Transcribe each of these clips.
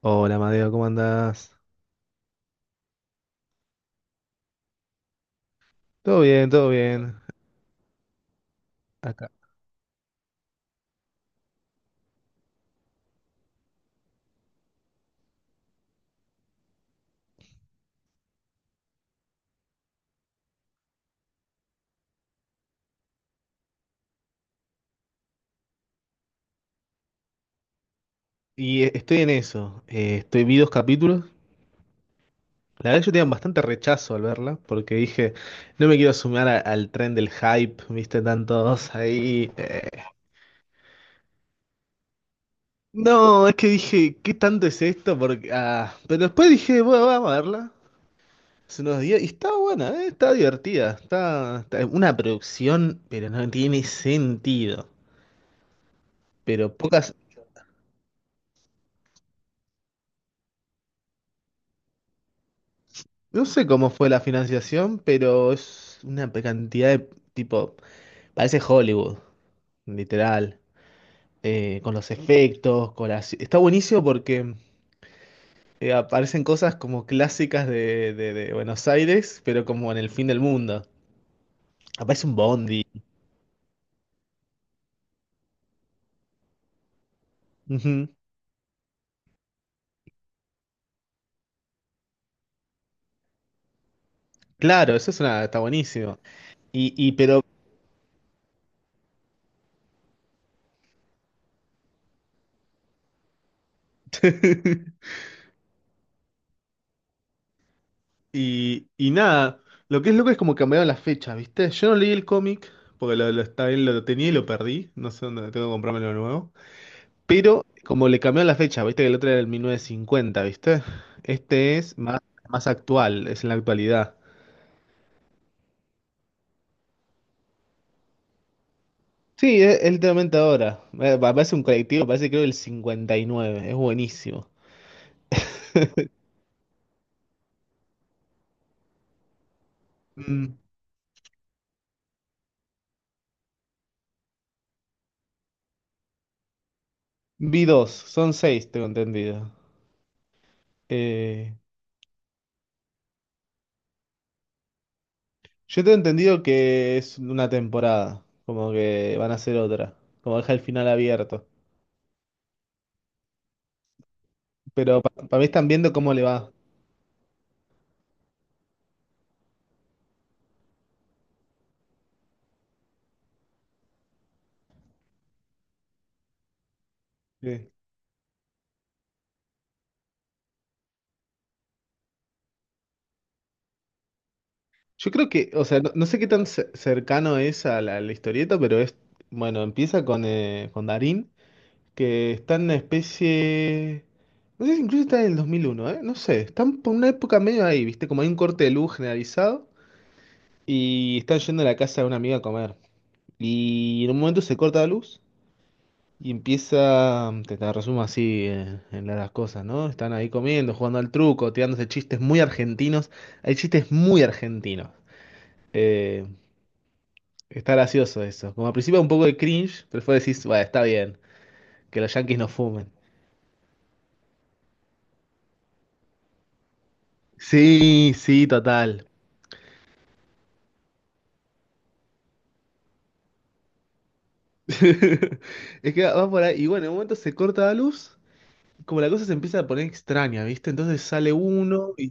Hola, Madeo, ¿cómo andás? Todo bien, todo bien. Acá. Y estoy en eso. Vi dos capítulos. La verdad, yo tenía bastante rechazo al verla, porque dije, no me quiero sumar al tren del hype, viste, tantos ahí. No, es que dije, ¿qué tanto es esto? Pero después dije, bueno, vamos a verla. Hace unos días. Y está buena, está divertida. Una producción, pero no tiene sentido. Pero pocas. No sé cómo fue la financiación, pero es una cantidad de tipo, parece Hollywood, literal, con los efectos, con las- Está buenísimo porque aparecen cosas como clásicas de Buenos Aires, pero como en el fin del mundo. Aparece un bondi. Ujú. Claro, eso es una, está buenísimo. Y pero y nada, lo que es loco es como cambiaron las fechas, ¿viste? Yo no leí el cómic, porque está bien, lo tenía y lo perdí, no sé dónde tengo que comprármelo de nuevo. Pero como le cambió la fecha, viste que el otro era el 1950, ¿viste? Este es más actual, es en la actualidad. Sí, es literalmente ahora. Parece un colectivo, parece creo el 59, es buenísimo. Mm. Vi dos, son seis, tengo entendido. Eh, yo tengo entendido que es una temporada, como que van a hacer otra, como deja el final abierto. Pero para mí están viendo cómo le va. Sí. Yo creo que, o sea, no sé qué tan cercano es a la historieta, pero es, bueno, empieza con Darín, que está en una especie, no sé si incluso está en el 2001, ¿eh? No sé, están por una época medio ahí, ¿viste? Como hay un corte de luz generalizado y están yendo a la casa de una amiga a comer. Y en un momento se corta la luz y empieza, te resumo así en las cosas, ¿no? Están ahí comiendo, jugando al truco, tirándose chistes muy argentinos. Hay chistes muy argentinos. Eh, Está gracioso eso. Como al principio un poco de cringe, pero después decís, bueno, está bien, que los yankees no fumen. Sí, sí, total. Es que va por ahí. Y bueno, en un momento se corta la luz, como la cosa se empieza a poner extraña, ¿viste? Entonces sale uno y...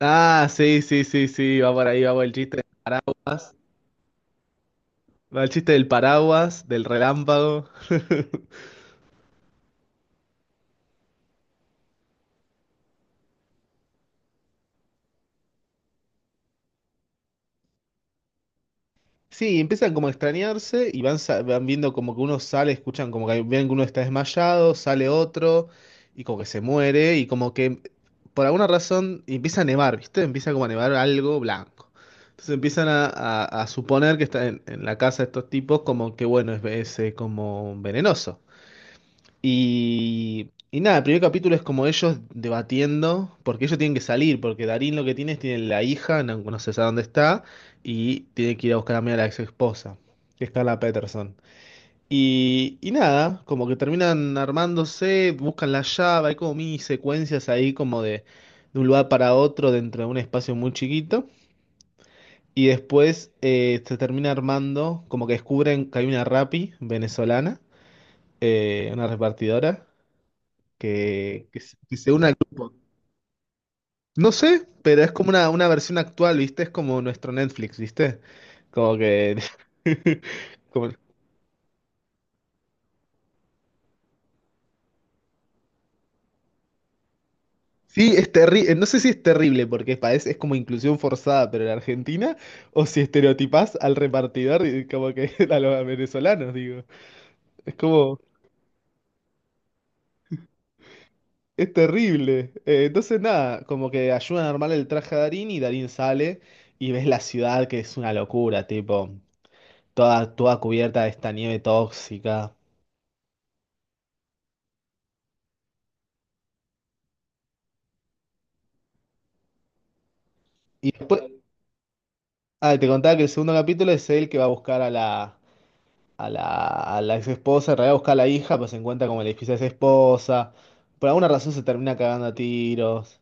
Ah, sí, sí, sí, sí, va por ahí, va por el chiste del paraguas. Va el chiste del paraguas, del relámpago. Sí, empiezan como a extrañarse y van viendo como que uno sale, escuchan como que ven que uno está desmayado, sale otro y como que se muere y como que por alguna razón empieza a nevar, ¿viste? Empieza como a nevar algo blanco. Entonces empiezan a suponer que está en la casa de estos tipos como que bueno, como venenoso. Y nada, el primer capítulo es como ellos debatiendo, porque ellos tienen que salir, porque Darín lo que tiene es tiene la hija, no, no se sabe dónde está, y tiene que ir a buscar a Mia, la ex esposa, que es Carla Peterson. Y nada, como que terminan armándose, buscan la llave, hay como mini secuencias ahí como de un lugar para otro dentro de un espacio muy chiquito. Y después se termina armando, como que descubren que hay una rapi venezolana, una repartidora que se une al- No sé, pero es como una versión actual, ¿viste? Es como nuestro Netflix, ¿viste? Como que... como- Sí, es terrible, no sé si es terrible porque parece, es como inclusión forzada, pero en Argentina, o si estereotipás al repartidor y como que a los venezolanos, digo. Es como, es terrible. Entonces nada, como que ayudan a armar el traje a Darín y Darín sale y ves la ciudad que es una locura, tipo, toda, toda cubierta de esta nieve tóxica. Y después, te contaba que el segundo capítulo es él que va a buscar a la, a la ex esposa, en realidad busca a la hija, pues se encuentra como en el edificio de esa esposa. Por alguna razón se termina cagando a tiros.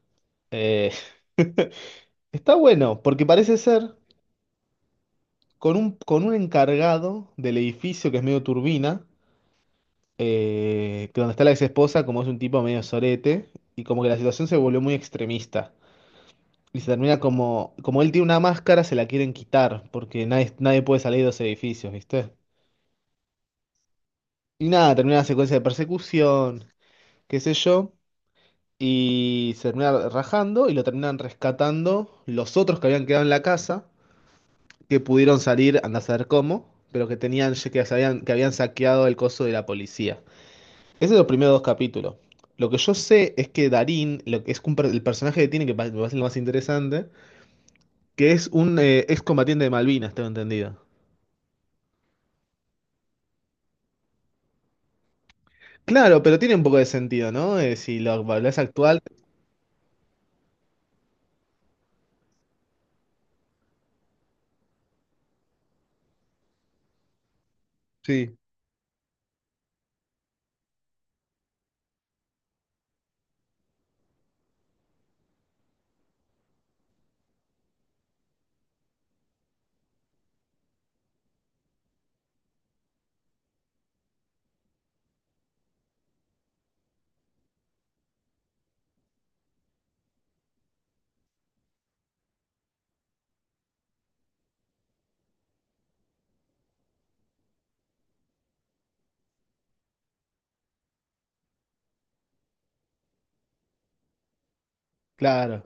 Eh, está bueno, porque parece ser con un encargado del edificio que es medio turbina, que donde está la ex esposa, como es un tipo medio sorete, y como que la situación se volvió muy extremista. Y se termina como él tiene una máscara, se la quieren quitar, porque nadie, nadie puede salir de los edificios, ¿viste? Y nada, termina la secuencia de persecución, qué sé yo, y se termina rajando y lo terminan rescatando los otros que habían quedado en la casa, que pudieron salir, anda a saber cómo, pero que tenían, que sabían, que habían saqueado el coso de la policía. Ese es los primeros dos capítulos. Lo que yo sé es que Darín, lo que es un el personaje que tiene, que me parece lo más interesante, que es un excombatiente de Malvinas, tengo entendido. Claro, pero tiene un poco de sentido, ¿no? Si lo es actual, sí, claro.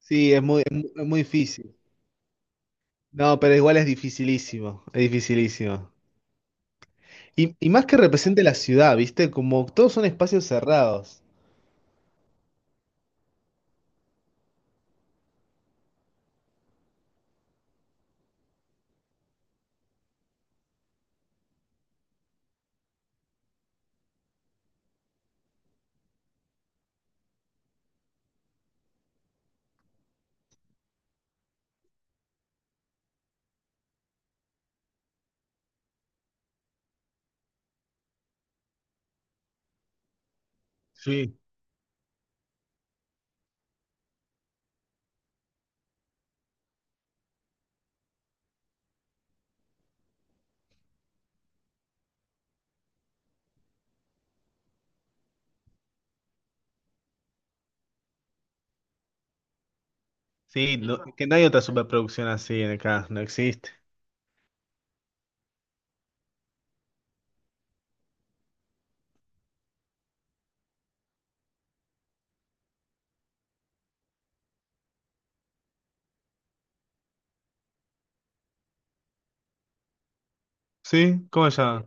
Sí, es muy difícil. No, pero igual es dificilísimo, es dificilísimo. Y más que represente la ciudad, ¿viste? Como todos son espacios cerrados. Sí, sí, que no hay otra superproducción así en acá, no existe. Sí, ¿cómo se llama?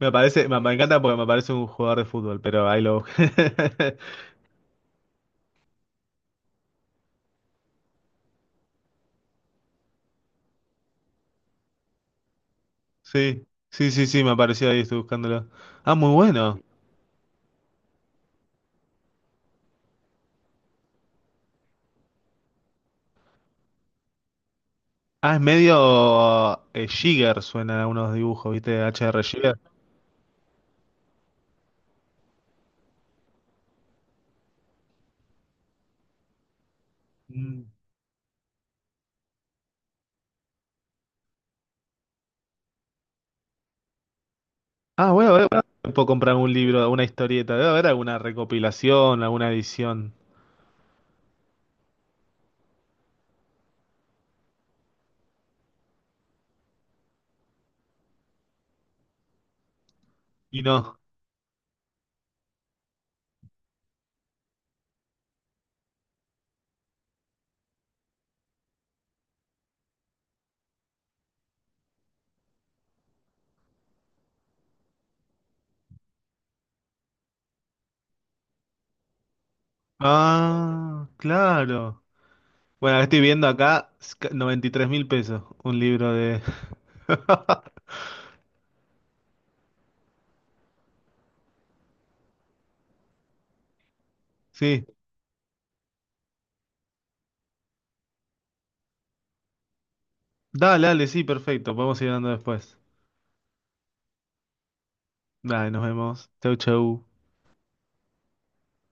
Me parece, me encanta porque me parece un jugador de fútbol, pero ahí lo busqué. Sí, sí, sí, sí, me apareció ahí, estoy buscándolo. Ah, muy bueno. Ah, es medio Jigger, suena a unos dibujos, ¿viste? HR Jigger. Mm. Ah, bueno, bueno, bueno. Puedo comprar un libro, una historieta. Debe haber alguna recopilación, alguna edición. Y no. Ah, claro. Bueno, estoy viendo acá 93.000 pesos. Un libro de. Sí. Dale, dale, sí, perfecto. Podemos ir hablando después. Dale, nos vemos. Chau, chau.